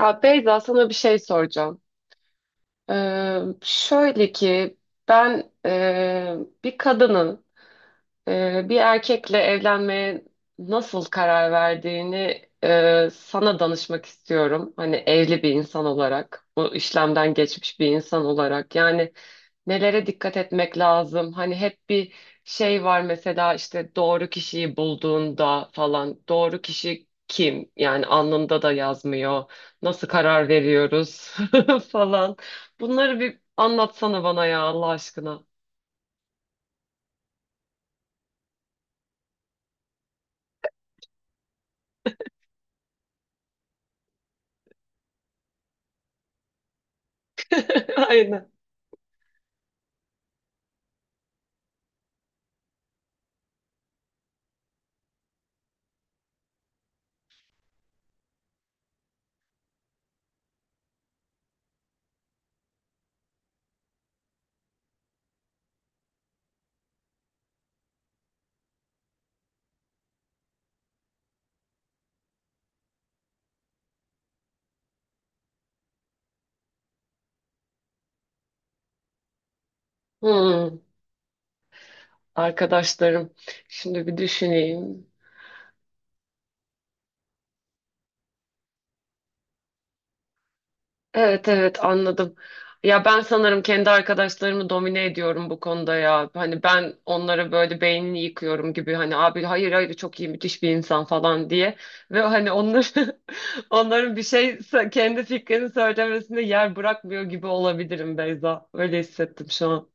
Ya Beyza, sana bir şey soracağım. Şöyle ki ben bir kadının bir erkekle evlenmeye nasıl karar verdiğini sana danışmak istiyorum. Hani evli bir insan olarak, bu işlemden geçmiş bir insan olarak. Yani nelere dikkat etmek lazım? Hani hep bir şey var, mesela işte doğru kişiyi bulduğunda falan. Doğru kişi kim? Yani alnında da yazmıyor. Nasıl karar veriyoruz falan. Bunları bir anlatsana bana ya, Allah aşkına. Aynen. Hmm. Arkadaşlarım. Şimdi bir düşüneyim. Evet, evet, anladım. Ya ben sanırım kendi arkadaşlarımı domine ediyorum bu konuda ya. Hani ben onlara böyle beynini yıkıyorum gibi, hani abi hayır, hayır, çok iyi, müthiş bir insan falan diye. Ve hani onları onların bir şey kendi fikrini söylemesine yer bırakmıyor gibi olabilirim Beyza. Öyle hissettim şu an.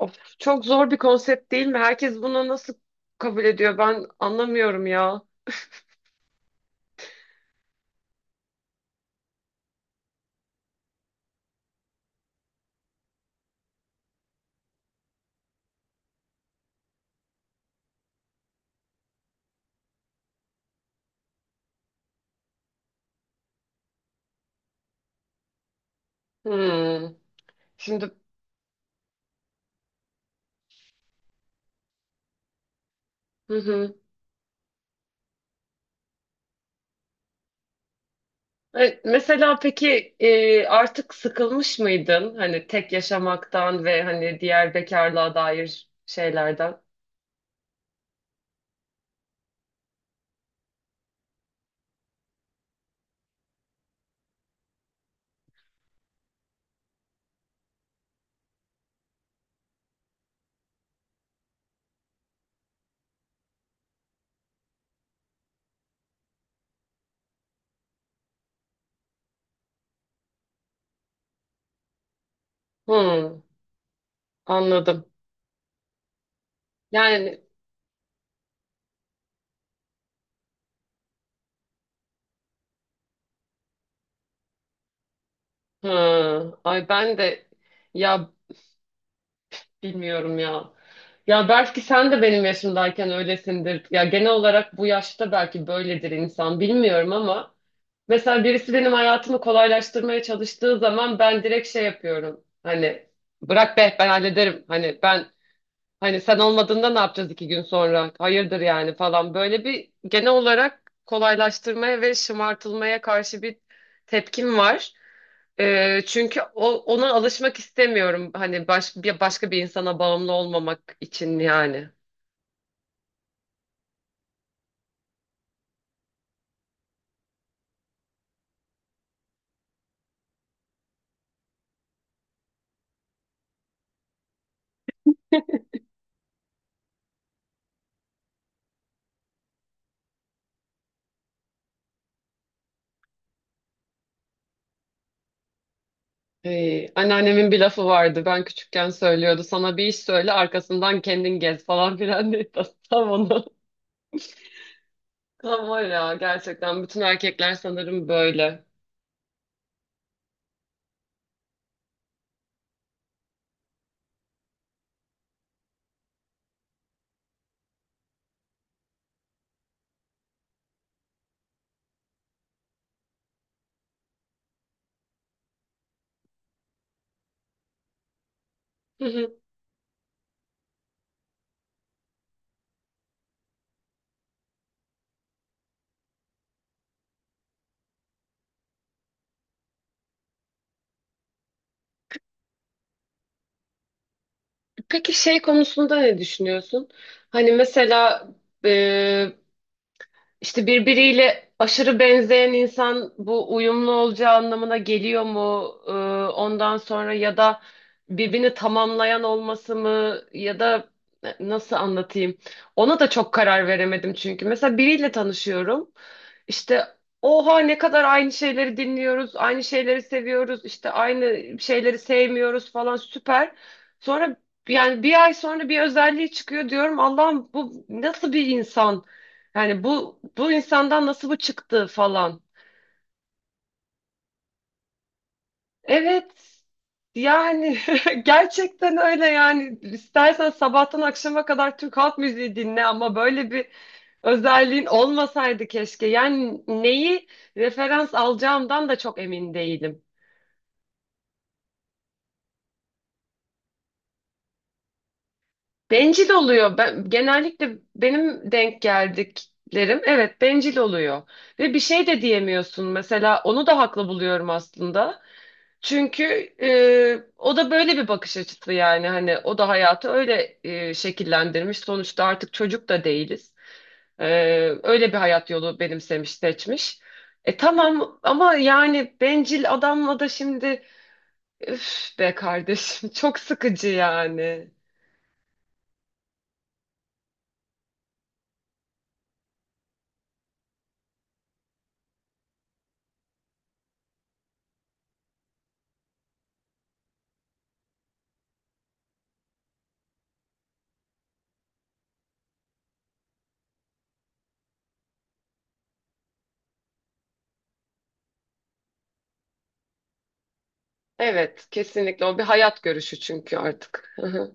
Of, çok zor bir konsept değil mi? Herkes bunu nasıl kabul ediyor? Ben anlamıyorum ya. Hmm. Şimdi. Hı hı. Mesela peki, artık sıkılmış mıydın? Hani tek yaşamaktan ve hani diğer bekarlığa dair şeylerden. Hmm, anladım. Yani hı, ay ben de, ya. Bilmiyorum ya. Ya belki sen de benim yaşımdayken öylesindir. Ya genel olarak bu yaşta belki böyledir insan, bilmiyorum, ama mesela birisi benim hayatımı kolaylaştırmaya çalıştığı zaman ben direkt şey yapıyorum. Hani bırak be, ben hallederim. Hani ben Hani sen olmadığında ne yapacağız iki gün sonra? Hayırdır yani falan. Böyle bir genel olarak kolaylaştırmaya ve şımartılmaya karşı bir tepkim var. Çünkü ona alışmak istemiyorum. Hani başka bir insana bağımlı olmamak için yani. Anneannemin bir lafı vardı. Ben küçükken söylüyordu. Sana bir iş söyle, arkasından kendin gez falan filan diye. Tam onu. Tam var ya gerçekten. Bütün erkekler sanırım böyle. Hı hı. Peki şey konusunda ne düşünüyorsun? Hani mesela, İşte birbiriyle aşırı benzeyen insan bu uyumlu olacağı anlamına geliyor mu? Ondan sonra, ya da birbirini tamamlayan olması mı, ya da nasıl anlatayım? Ona da çok karar veremedim çünkü. Mesela biriyle tanışıyorum. İşte oha, ne kadar aynı şeyleri dinliyoruz, aynı şeyleri seviyoruz, işte aynı şeyleri sevmiyoruz falan, süper. Sonra yani bir ay sonra bir özelliği çıkıyor, diyorum Allah'ım bu nasıl bir insan? Yani bu insandan nasıl bu çıktı falan. Evet. Yani gerçekten öyle yani, istersen sabahtan akşama kadar Türk halk müziği dinle ama böyle bir özelliğin olmasaydı keşke. Yani neyi referans alacağımdan da çok emin değilim. Bencil oluyor. Ben, genellikle benim denk geldiklerim, evet, bencil oluyor. Ve bir şey de diyemiyorsun. Mesela onu da haklı buluyorum aslında. Çünkü o da böyle bir bakış açısı, yani hani o da hayatı öyle şekillendirmiş. Sonuçta artık çocuk da değiliz. E, Öyle bir hayat yolu benimsemiş, seçmiş. E tamam, ama yani bencil adamla da şimdi üf be kardeşim çok sıkıcı yani. Evet, kesinlikle o bir hayat görüşü çünkü artık. Hı hı.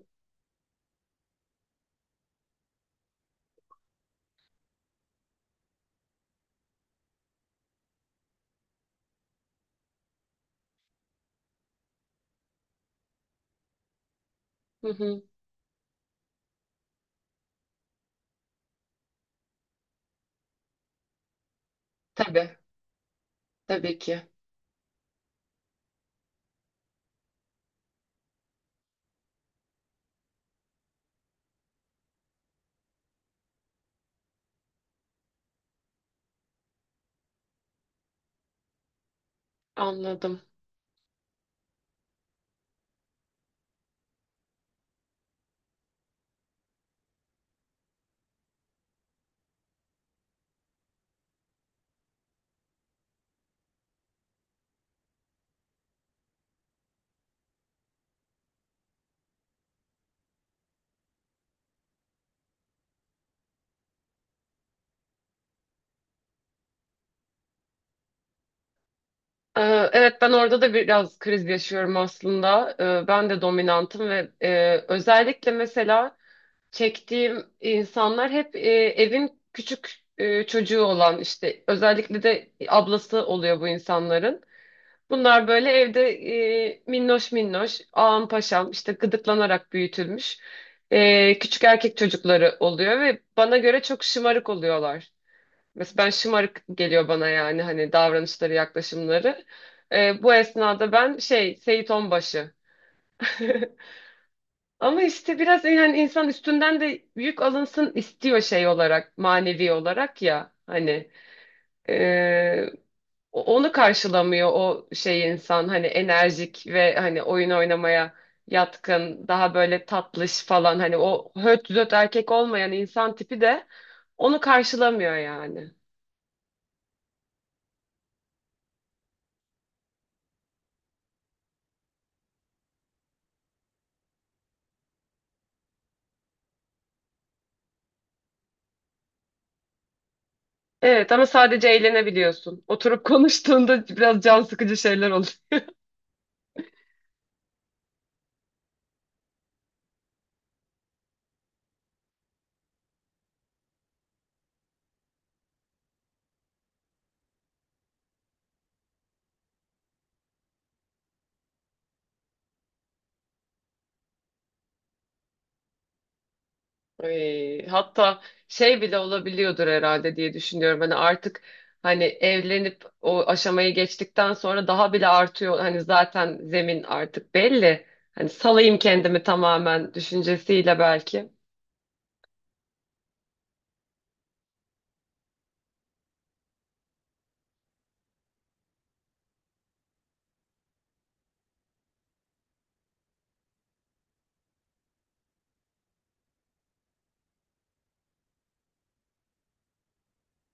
Hı hı. Tabii tabii ki, anladım. Ee, Evet, ben orada da biraz kriz yaşıyorum aslında. Ben de dominantım ve özellikle mesela çektiğim insanlar hep evin küçük çocuğu olan, işte özellikle de ablası oluyor bu insanların. Bunlar böyle evde minnoş minnoş, ağam paşam, işte gıdıklanarak büyütülmüş küçük erkek çocukları oluyor ve bana göre çok şımarık oluyorlar. Mesela ben, şımarık geliyor bana yani, hani davranışları, yaklaşımları. Bu esnada ben şey, Seyit Onbaşı. Ama işte biraz yani insan üstünden de yük alınsın istiyor, şey olarak, manevi olarak ya hani. Ee, Onu karşılamıyor o şey insan, hani enerjik ve hani oyun oynamaya yatkın, daha böyle tatlış falan, hani o höt düzöt erkek olmayan insan tipi de onu karşılamıyor yani. Evet, ama sadece eğlenebiliyorsun. Oturup konuştuğunda biraz can sıkıcı şeyler oluyor. Ay, hatta şey bile olabiliyordur herhalde diye düşünüyorum. Hani artık, hani evlenip o aşamayı geçtikten sonra daha bile artıyor. Hani zaten zemin artık belli. Hani salayım kendimi tamamen düşüncesiyle belki.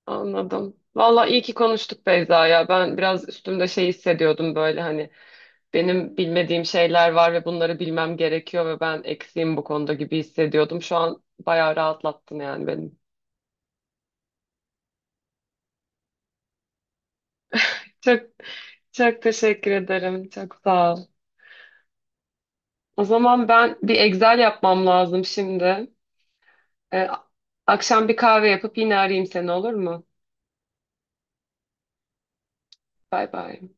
Anladım. Vallahi iyi ki konuştuk Beyza ya. Ben biraz üstümde şey hissediyordum, böyle hani benim bilmediğim şeyler var ve bunları bilmem gerekiyor ve ben eksiğim bu konuda gibi hissediyordum. Şu an bayağı rahatlattın yani benim. Çok Çok teşekkür ederim. Çok sağ ol. O zaman ben bir Excel yapmam lazım şimdi. Ee, Akşam bir kahve yapıp yine arayayım seni, olur mu? Bay bay.